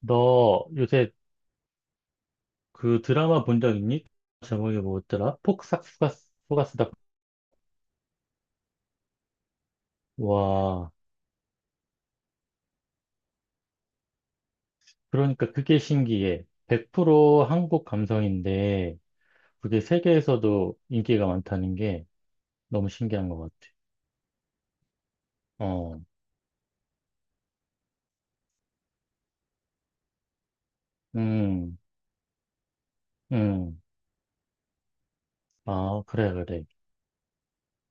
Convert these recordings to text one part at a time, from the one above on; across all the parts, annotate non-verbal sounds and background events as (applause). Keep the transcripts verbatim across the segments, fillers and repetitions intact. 너 요새 그 드라마 본 적 있니? 제목이 뭐였더라? 폭삭 속았- 속았수다. 와, 그러니까 그게 신기해. 백 퍼센트 한국 감성인데 그게 세계에서도 인기가 많다는 게 너무 신기한 것 같아. 어, 음, 음. 아, 그래, 그래.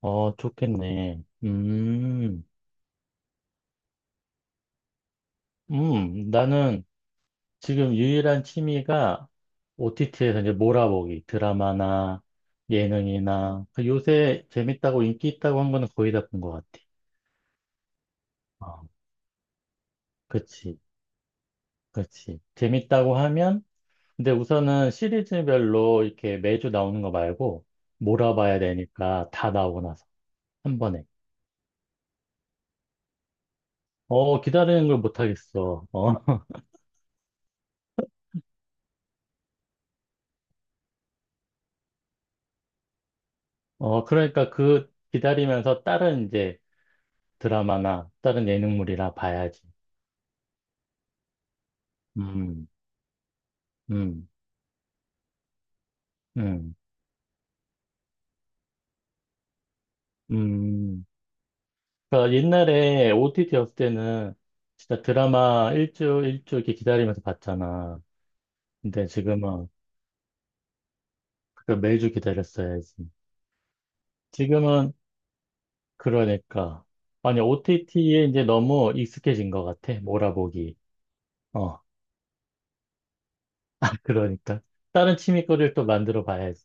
어, 좋겠네. 음, 음, 나는 지금 유일한 취미가 오티티에서 이제 몰아보기, 드라마나 예능이나 그 요새 재밌다고 인기 있다고 한 거는 거의 다 본 것 같아. 어, 그치, 그치. 재밌다고 하면, 근데 우선은 시리즈별로 이렇게 매주 나오는 거 말고 몰아봐야 되니까 다 나오고 나서 한 번에. 어, 기다리는 걸 못 하겠어. 어, (laughs) 어, 그러니까 그 기다리면서 다른 이제 드라마나 다른 예능물이나 봐야지. 음, 음, 음. 음, 그러니까 옛날에 오티티였을 때는 진짜 드라마 일주 일주 이렇게 기다리면서 봤잖아. 근데 지금은 그걸 매주 기다렸어야지. 지금은 그러니까 아니 오티티에 이제 너무 익숙해진 것 같아. 몰아보기. 어, (laughs) 그러니까 다른 취미거리를 또 만들어 봐야지.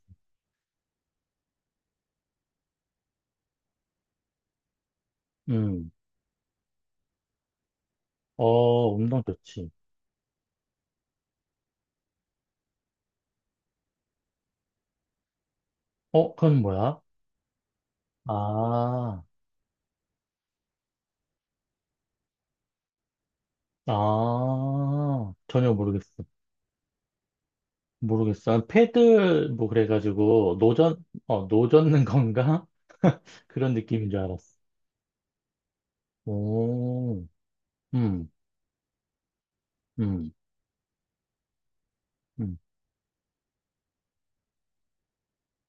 음, 어, 운동 좋지. 어, 그건 뭐야? 아, 아, 전혀 모르겠어. 모르겠어. 난 패들 뭐 그래가지고 노전 어 노젓는 건가? (laughs) 그런 느낌인 줄 알았어. 오, 음, 음, 음.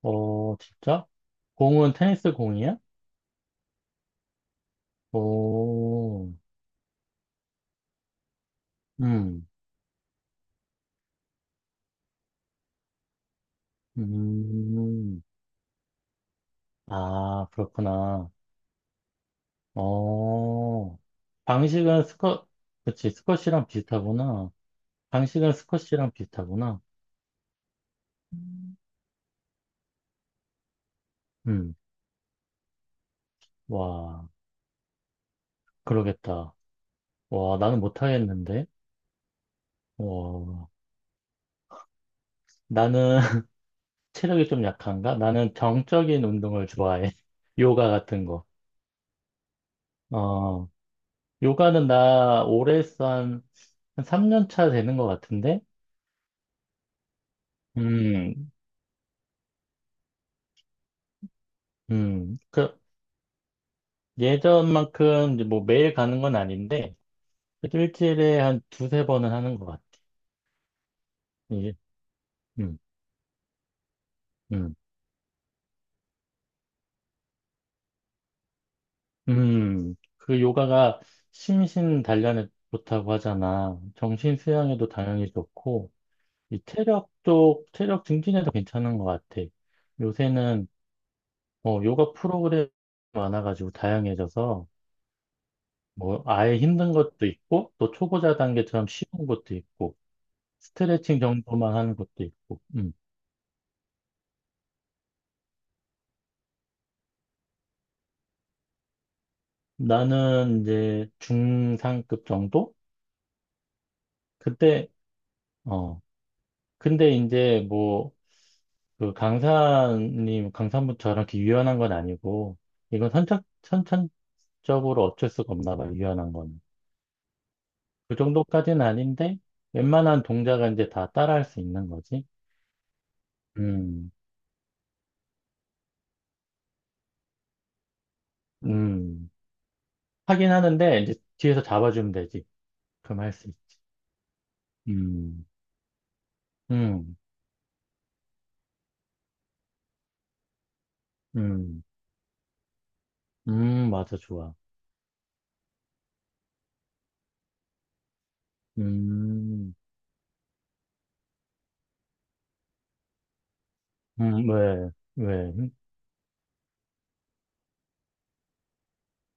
어, 진짜? 공은 테니스 공이야? 오, 음, 음. 아, 그렇구나. 어, 방식은 스쿼, 그치, 스쿼시랑 비슷하구나. 방식은 스쿼시랑 비슷하구나. 음, 와, 그러겠다. 와, 나는 못하겠는데. 어, 나는 (laughs) 체력이 좀 약한가? 나는 정적인 운동을 좋아해. (laughs) 요가 같은 거. 어, 요가는 나 오래 했어 한, 한 삼 년 차 되는 것 같은데? 음, 음. 그, 예전만큼 이제 뭐 매일 가는 건 아닌데, 그래도 일주일에 한 두세 번은 하는 것 같아. 이게, 음, 음, 음. 그 요가가 심신 단련에 좋다고 하잖아. 정신 수양에도 당연히 좋고, 이 체력 쪽, 체력 증진에도 괜찮은 것 같아. 요새는 어, 요가 프로그램이 많아가지고 다양해져서 뭐 아예 힘든 것도 있고 또 초보자 단계처럼 쉬운 것도 있고 스트레칭 정도만 하는 것도 있고. 음. 나는 이제 중상급 정도? 그때 어 근데 이제 뭐 그 강사님 강사분 저랑 이렇게 유연한 건 아니고 이건 선착 선천적으로 어쩔 수가 없나 봐 유연한 건. 그 정도까지는 아닌데, 웬만한 동작은 이제 다 따라할 수 있는 거지. 음, 음. 하긴 하는데, 이제 뒤에서 잡아주면 되지. 그럼 할 수 있지. 음, 음, 음, 음, 맞아, 좋아. 음, 음, 왜, 왜,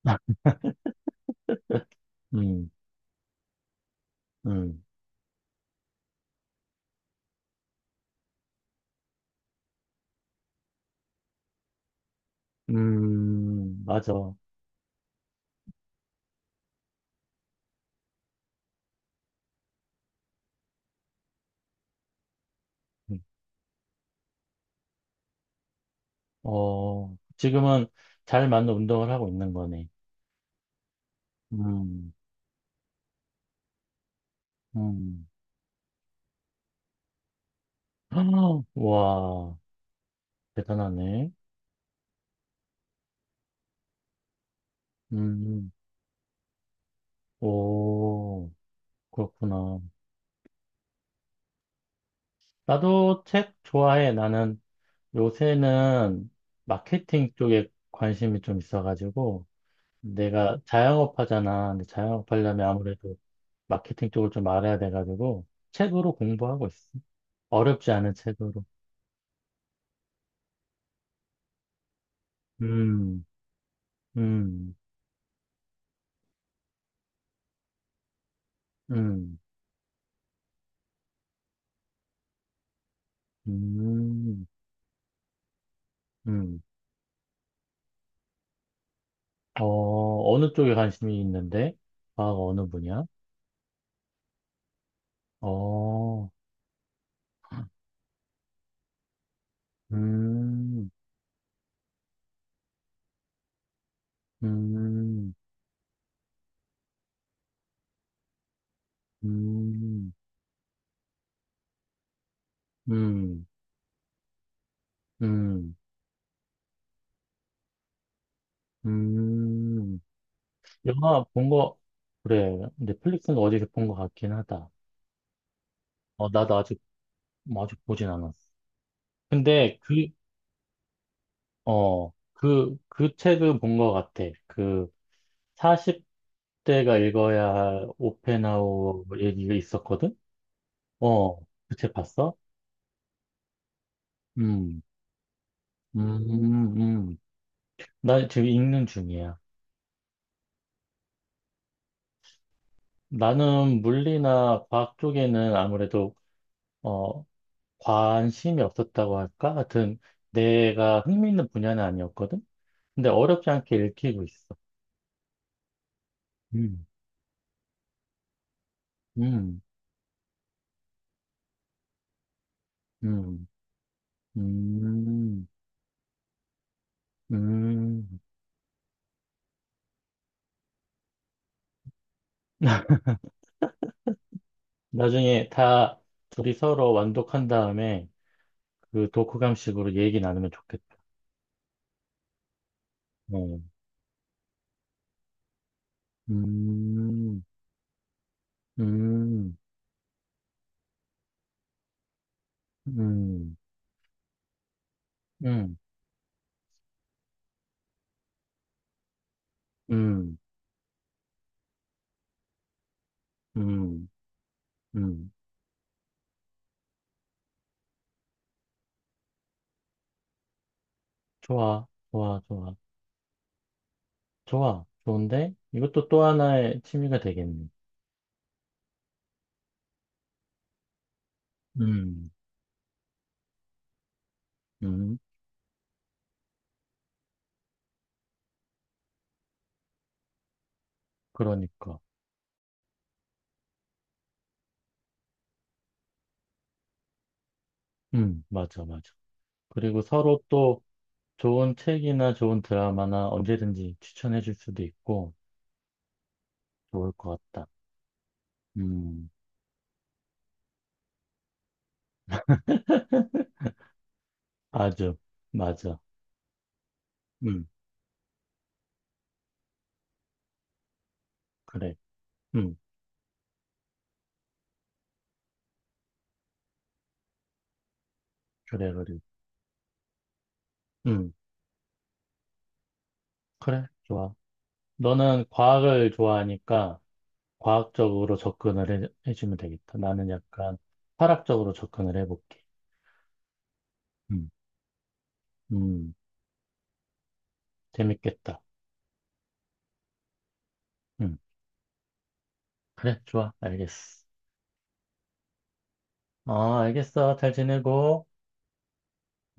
(laughs) 음, 음, 음, 맞아. 음, 어, 지금은 잘 맞는 운동을 하고 있는 거네. 음, 음. (gasps) 와, 대단하네. 음. 오, 그렇구나. 나도 책 좋아해. 나는 요새는 마케팅 쪽에 관심이 좀 있어가지고, 내가 자영업 하잖아. 근데 자영업 하려면 아무래도 마케팅 쪽을 좀 알아야 돼가지고, 책으로 공부하고 있어. 어렵지 않은 책으로. 음, 음, 음, 음, 음. 어, 어느 쪽에 관심이 있는데? 과학 어느 분야? 어, 음, 음. 음, 음, 음, 음. 영화 본 거, 그래. 넷플릭스는 어디서 본 거 같긴 하다. 어, 나도 아직, 뭐 아직 보진 않았어. 근데 그, 어, 그, 그 책은 본 거 같아. 그, 사십 대가 읽어야 할 오펜하우어 얘기가 있었거든? 어, 그 책 봤어? 음, 음, 음. 나 지금 읽는 중이야. 나는 물리나 과학 쪽에는 아무래도, 어, 관심이 없었다고 할까? 하여튼 내가 흥미있는 분야는 아니었거든? 근데 어렵지 않게 읽히고 있어. 음, 음, 음, 음, 음. (laughs) 나중에 다 둘이 서로 완독한 다음에 그 독후감식으로 얘기 나누면 좋겠다. 어. 음, 음, 음, 음, 음, 음, 음. 좋아, 좋아, 좋아, 좋아, 좋은데? 이것도 또 하나의 취미가 되겠네. 음. 음, 그러니까. 음, 맞아, 맞아. 그리고 서로 또 좋은 책이나 좋은 드라마나 언제든지 추천해 줄 수도 있고, 좋을 것 같다. 음, 아주, 맞아. 음, 그래. 음, 그래, 그래. 음, 그래, 좋아. 너는 과학을 좋아하니까 과학적으로 접근을 해, 해주면 되겠다. 나는 약간 철학적으로 접근을 해볼게. 음, 음, 재밌겠다. 음, 그래, 좋아. 알겠어. 어, 알겠어. 잘 지내고.